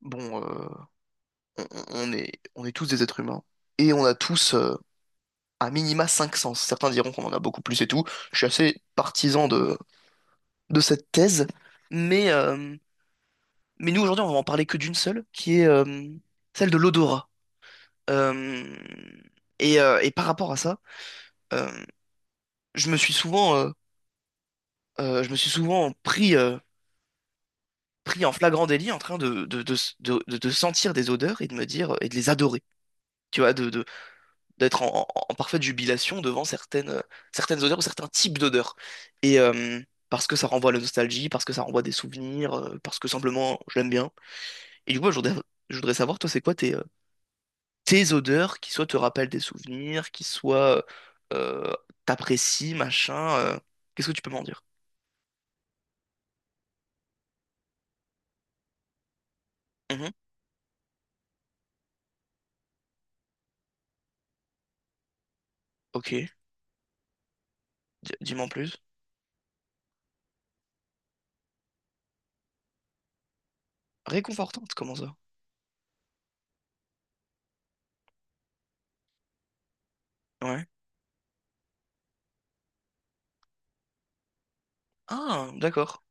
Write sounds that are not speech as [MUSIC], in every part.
Bon, on, on- on est tous des êtres humains et on a tous un minima cinq sens. Certains diront qu'on en a beaucoup plus et tout. Je suis assez partisan de cette thèse, mais, euh, mais nous aujourd'hui on va en parler que d'une seule, qui est celle de l'odorat. Euh, et par rapport à ça, euh, je me suis souvent, euh, je me suis souvent pris en flagrant délit en train de sentir des odeurs et de me dire et de les adorer. Tu vois, de d'être en parfaite jubilation devant certaines odeurs ou certains types d'odeurs. Et parce que ça renvoie à la nostalgie, parce que ça renvoie à des souvenirs, parce que simplement je l'aime bien. Et du coup, je voudrais savoir, toi, c'est quoi tes odeurs qui soit te rappellent des souvenirs, qui soit euh, t'apprécient, machin. Qu'est-ce que tu peux m'en dire? Mhm. Ok. Dis-moi en plus. Réconfortante, comment ça? Ouais. Ah, d'accord.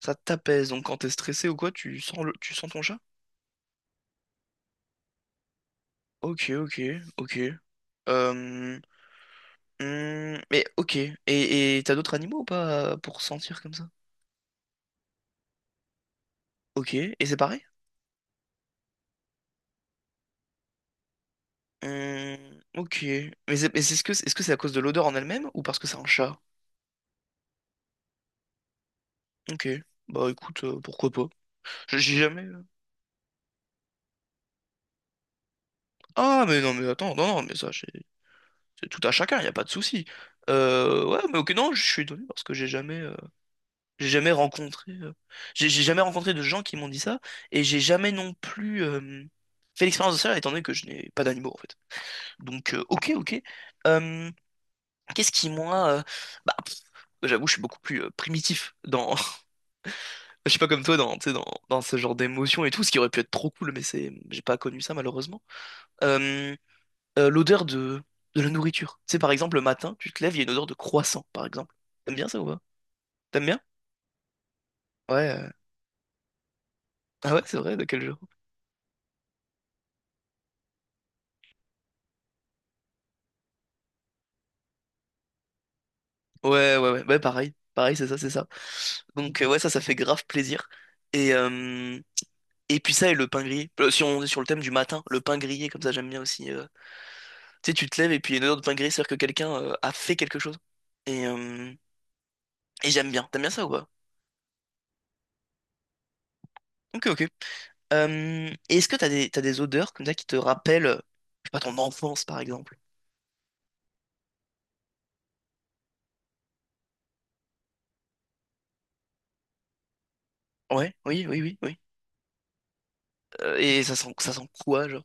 Ça t'apaise, donc quand t'es stressé ou quoi, tu sens ton chat? Ok, ok, ok. Euh, Hmm, mais ok. Et t'as d'autres animaux ou pas pour sentir comme ça? Ok. Et c'est pareil? Hmm, ok. Mais est-ce que c'est à cause de l'odeur en elle-même ou parce que c'est un chat? Ok. Bah écoute, pourquoi pas? J'ai jamais. Ah mais non mais attends, non non mais ça c'est tout à chacun, y a pas de souci. Ouais mais ok non, je suis étonné parce que j'ai jamais rencontré euh, j'ai jamais rencontré de gens qui m'ont dit ça et j'ai jamais non plus fait l'expérience de ça étant donné que je n'ai pas d'animaux en fait. Donc, ok, ok. Euh, Qu'est-ce qui, moi, bah, j'avoue, je suis beaucoup plus primitif dans, [LAUGHS] je suis pas comme toi dans, tu sais, dans ce genre d'émotion et tout, ce qui aurait pu être trop cool, mais c'est, j'ai pas connu ça malheureusement. Euh, L'odeur de la nourriture. Tu sais, par exemple, le matin, tu te lèves, il y a une odeur de croissant, par exemple. T'aimes bien ça ou pas? T'aimes bien? Ouais. Ah ouais, c'est vrai, de quel jour? Ouais, ouais, ouais, ouais, pareil, pareil, c'est ça, c'est ça. Donc ouais, ça fait grave plaisir. Et Et puis ça et le pain grillé. Si on est sur le thème du matin, le pain grillé, comme ça j'aime bien aussi. Tu sais, tu te lèves et puis il y a une odeur de pain grillé, c'est-à-dire que quelqu'un a fait quelque chose. Et, euh, et j'aime bien. T'aimes bien ça ou pas? Ok, ok. Et est-ce que t'as des odeurs comme ça qui te rappellent, je sais pas, ton enfance par exemple? Ouais, oui, oui, oui, oui. Et ça sent quoi, genre?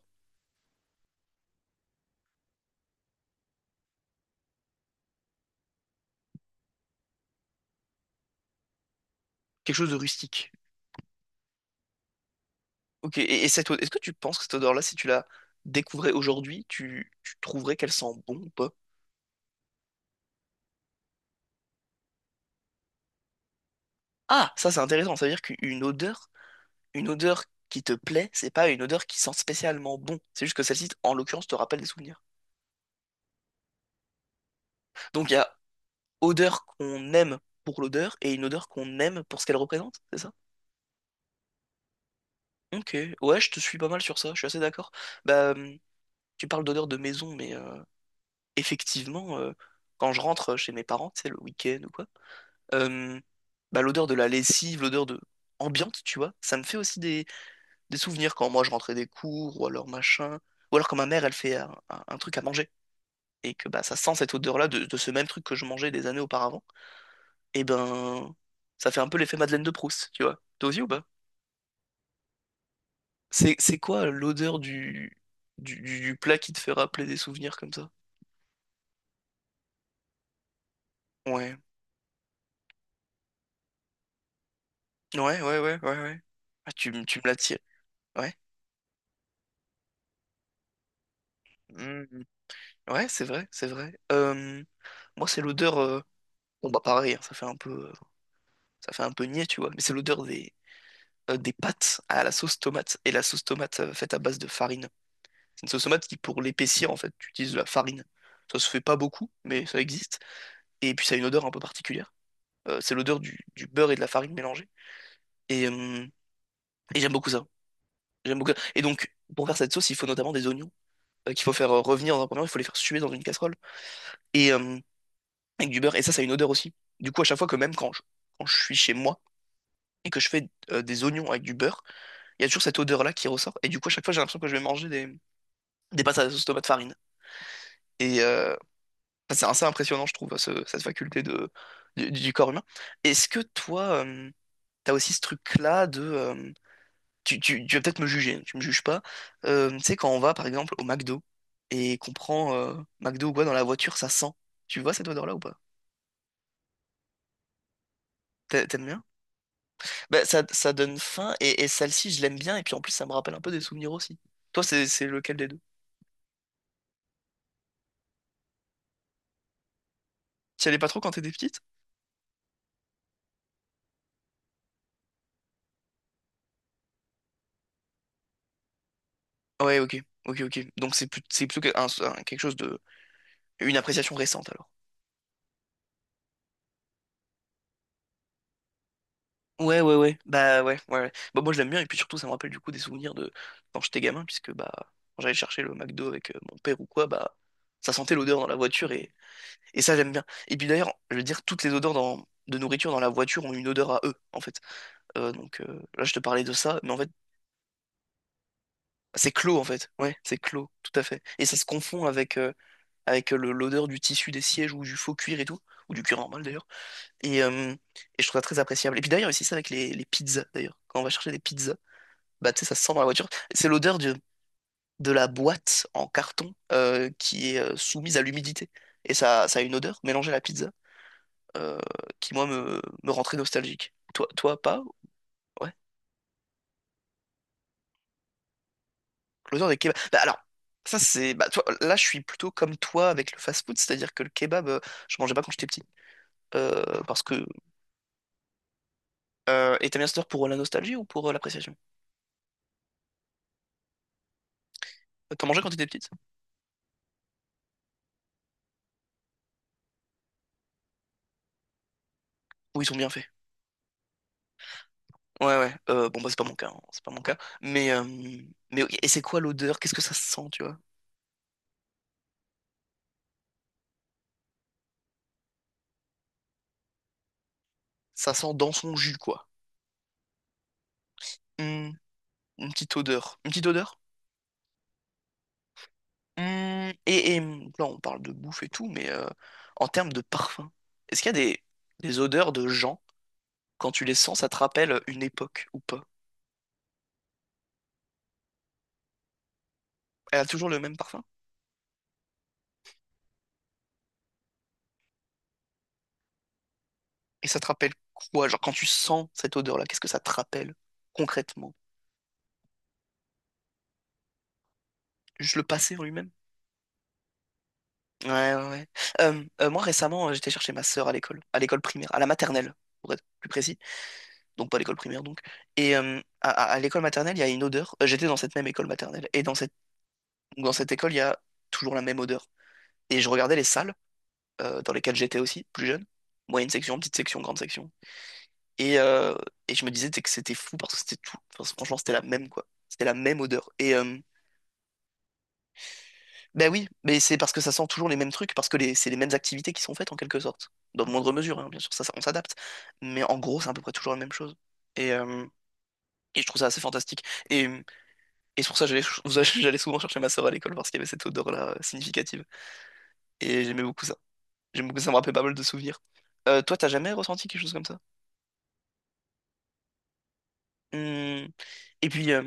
Quelque chose de rustique. Ok, et cette odeur est-ce que tu penses que cette odeur-là, si tu la découvrais aujourd'hui, tu trouverais qu'elle sent bon ou pas? Ah, ça c'est intéressant, ça veut dire qu'une odeur qui te plaît, c'est pas une odeur qui sent spécialement bon. C'est juste que celle-ci, en l'occurrence, te rappelle des souvenirs. Donc il y a odeur qu'on aime pour l'odeur et une odeur qu'on aime pour ce qu'elle représente, c'est ça? Ok, ouais, je te suis pas mal sur ça, je suis assez d'accord. Bah, tu parles d'odeur de maison, mais effectivement, quand je rentre chez mes parents, c'est le week-end ou quoi, euh, bah, l'odeur de la lessive, l'odeur de ambiante, tu vois, ça me fait aussi des souvenirs quand moi je rentrais des cours ou alors machin, ou alors quand ma mère elle fait un truc à manger. Et que bah, ça sent cette odeur-là de ce même truc que je mangeais des années auparavant, et ben ça fait un peu l'effet Madeleine de Proust, tu vois. T'as aussi ou pas? C'est quoi l'odeur du plat qui te fait rappeler des souvenirs comme ça? Ouais, ouais, ouais, ouais, ouais, ouais. Ah, tu me l'attires. Ouais. Mhm. Ouais, c'est vrai, c'est vrai. Moi, c'est l'odeur. Bon, bah pareil, hein, ça fait un peu, ça fait un peu niais, tu vois. Mais c'est l'odeur des pâtes à la sauce tomate et la sauce tomate faite à base de farine. C'est une sauce tomate qui, pour l'épaissir, en fait, tu utilises de la farine. Ça se fait pas beaucoup, mais ça existe. Et puis ça a une odeur un peu particulière. C'est l'odeur du beurre et de la farine mélangée. Et, euh, et j'aime beaucoup ça. J'aime beaucoup ça. Et donc, pour faire cette sauce, il faut notamment des oignons qu'il faut faire revenir dans un premier temps. Il faut les faire suer dans une casserole. Et avec du beurre. Et ça a une odeur aussi. Du coup, à chaque fois que même quand je suis chez moi et que je fais des oignons avec du beurre, il y a toujours cette odeur-là qui ressort. Et du coup, à chaque fois, j'ai l'impression que je vais manger des pâtes à la sauce tomate farine. Et, euh, Enfin, c'est assez impressionnant, je trouve, cette faculté du corps humain. Est-ce que toi, tu t'as aussi ce truc-là de... tu vas peut-être me juger, tu me juges pas. Tu sais, quand on va, par exemple, au McDo et qu'on prend McDo ou quoi dans la voiture, ça sent. Tu vois cette odeur-là ou pas? T'aimes bien? Bah, ça donne faim, et celle-ci, je l'aime bien, et puis en plus, ça me rappelle un peu des souvenirs aussi. Toi, c'est lequel des deux? Tu y allais pas trop quand t'étais petite? Ouais, ok, ok, ok. Donc c'est plutôt quelque chose de... Une appréciation récente, alors. Ouais, ouais, ouais. Bah ouais, ouais, ouais. Bah moi je l'aime bien et puis surtout ça me rappelle du coup des souvenirs de quand j'étais gamin puisque bah quand j'allais chercher le McDo avec mon père ou quoi, bah ça sentait l'odeur dans la voiture et ça j'aime bien. Et puis d'ailleurs, je veux dire, toutes les odeurs de nourriture dans la voiture ont une odeur à eux en fait. Donc là je te parlais de ça, mais en fait c'est clos en fait. Ouais, c'est clos, tout à fait. Et ça se confond avec l'odeur du tissu des sièges ou du faux cuir et tout, ou du cuir normal d'ailleurs. Et, euh, et je trouve ça très appréciable. Et puis d'ailleurs, c'est ça avec les pizzas d'ailleurs. Quand on va chercher des pizzas, bah, tu sais, ça se sent dans la voiture. C'est l'odeur de la boîte en carton qui est soumise à l'humidité. Et ça a une odeur mélangée à la pizza euh, qui, moi, me rend très nostalgique. Toi, toi, pas? Ouais. L'odeur des kebabs. Bah, alors, ça, c'est. Bah, toi, là, je suis plutôt comme toi avec le fast-food, c'est-à-dire que le kebab, je mangeais pas quand j'étais petit. Parce que. Et t'aimes bien cette odeur pour la nostalgie ou pour l'appréciation? T'en mangeais quand t'étais petite? Ou ils sont bien faits. Ouais, ouais. Bon, bah, c'est pas mon cas, hein. C'est pas mon cas. Mais oui, et c'est quoi l'odeur? Qu'est-ce que ça sent, tu vois? Ça sent dans son jus, quoi. Hmm, une petite odeur. Une petite odeur? Là, on parle de bouffe et tout, mais en termes de parfum, est-ce qu'il y a des odeurs de gens, quand tu les sens, ça te rappelle une époque ou pas? Elle a toujours le même parfum? Et ça te rappelle quoi? Genre, quand tu sens cette odeur-là, qu'est-ce que ça te rappelle concrètement? Juste le passé en lui-même? Ouais, ouais, ouais. Moi, récemment, j'étais chercher ma sœur à l'école primaire, à la maternelle, pour être plus précis. Donc pas l'école primaire donc. Et à l'école maternelle, il y a une odeur. J'étais dans cette même école maternelle. Et dans cette école, il y a toujours la même odeur. Et je regardais les salles dans lesquelles j'étais aussi, plus jeune. Moyenne section, petite section, grande section. Et, euh, et je me disais t'sais, que c'était fou parce que c'était tout, enfin, franchement, c'était la même, quoi. C'était la même odeur. Ben oui, mais c'est parce que ça sent toujours les mêmes trucs, parce que c'est les mêmes activités qui sont faites en quelque sorte. Dans moindre mesure, hein, bien sûr, on s'adapte. Mais en gros, c'est à peu près toujours la même chose. Et, euh, et je trouve ça assez fantastique. Et Et c'est pour ça que j'allais [LAUGHS] j'allais souvent chercher ma sœur à l'école parce qu'il y avait cette odeur-là significative. Et j'aimais beaucoup ça. J'aimais beaucoup ça, ça me rappelait pas mal de souvenirs. Toi, t'as jamais ressenti quelque chose comme ça? Hmm. Et puis,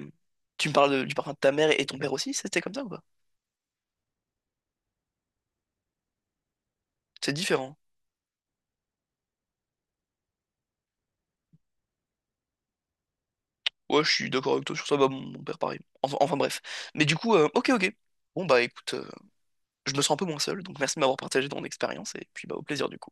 tu me parles du parfum de ta mère et ton père aussi, c'était comme ça ou pas? C'est différent. Ouais, je suis d'accord avec toi sur ça, bah, mon père pareil. Enfin, enfin, bref. Mais du coup, ok, ok. Bon bah écoute, je me sens un peu moins seul, donc merci de m'avoir partagé ton expérience et puis bah au plaisir du coup.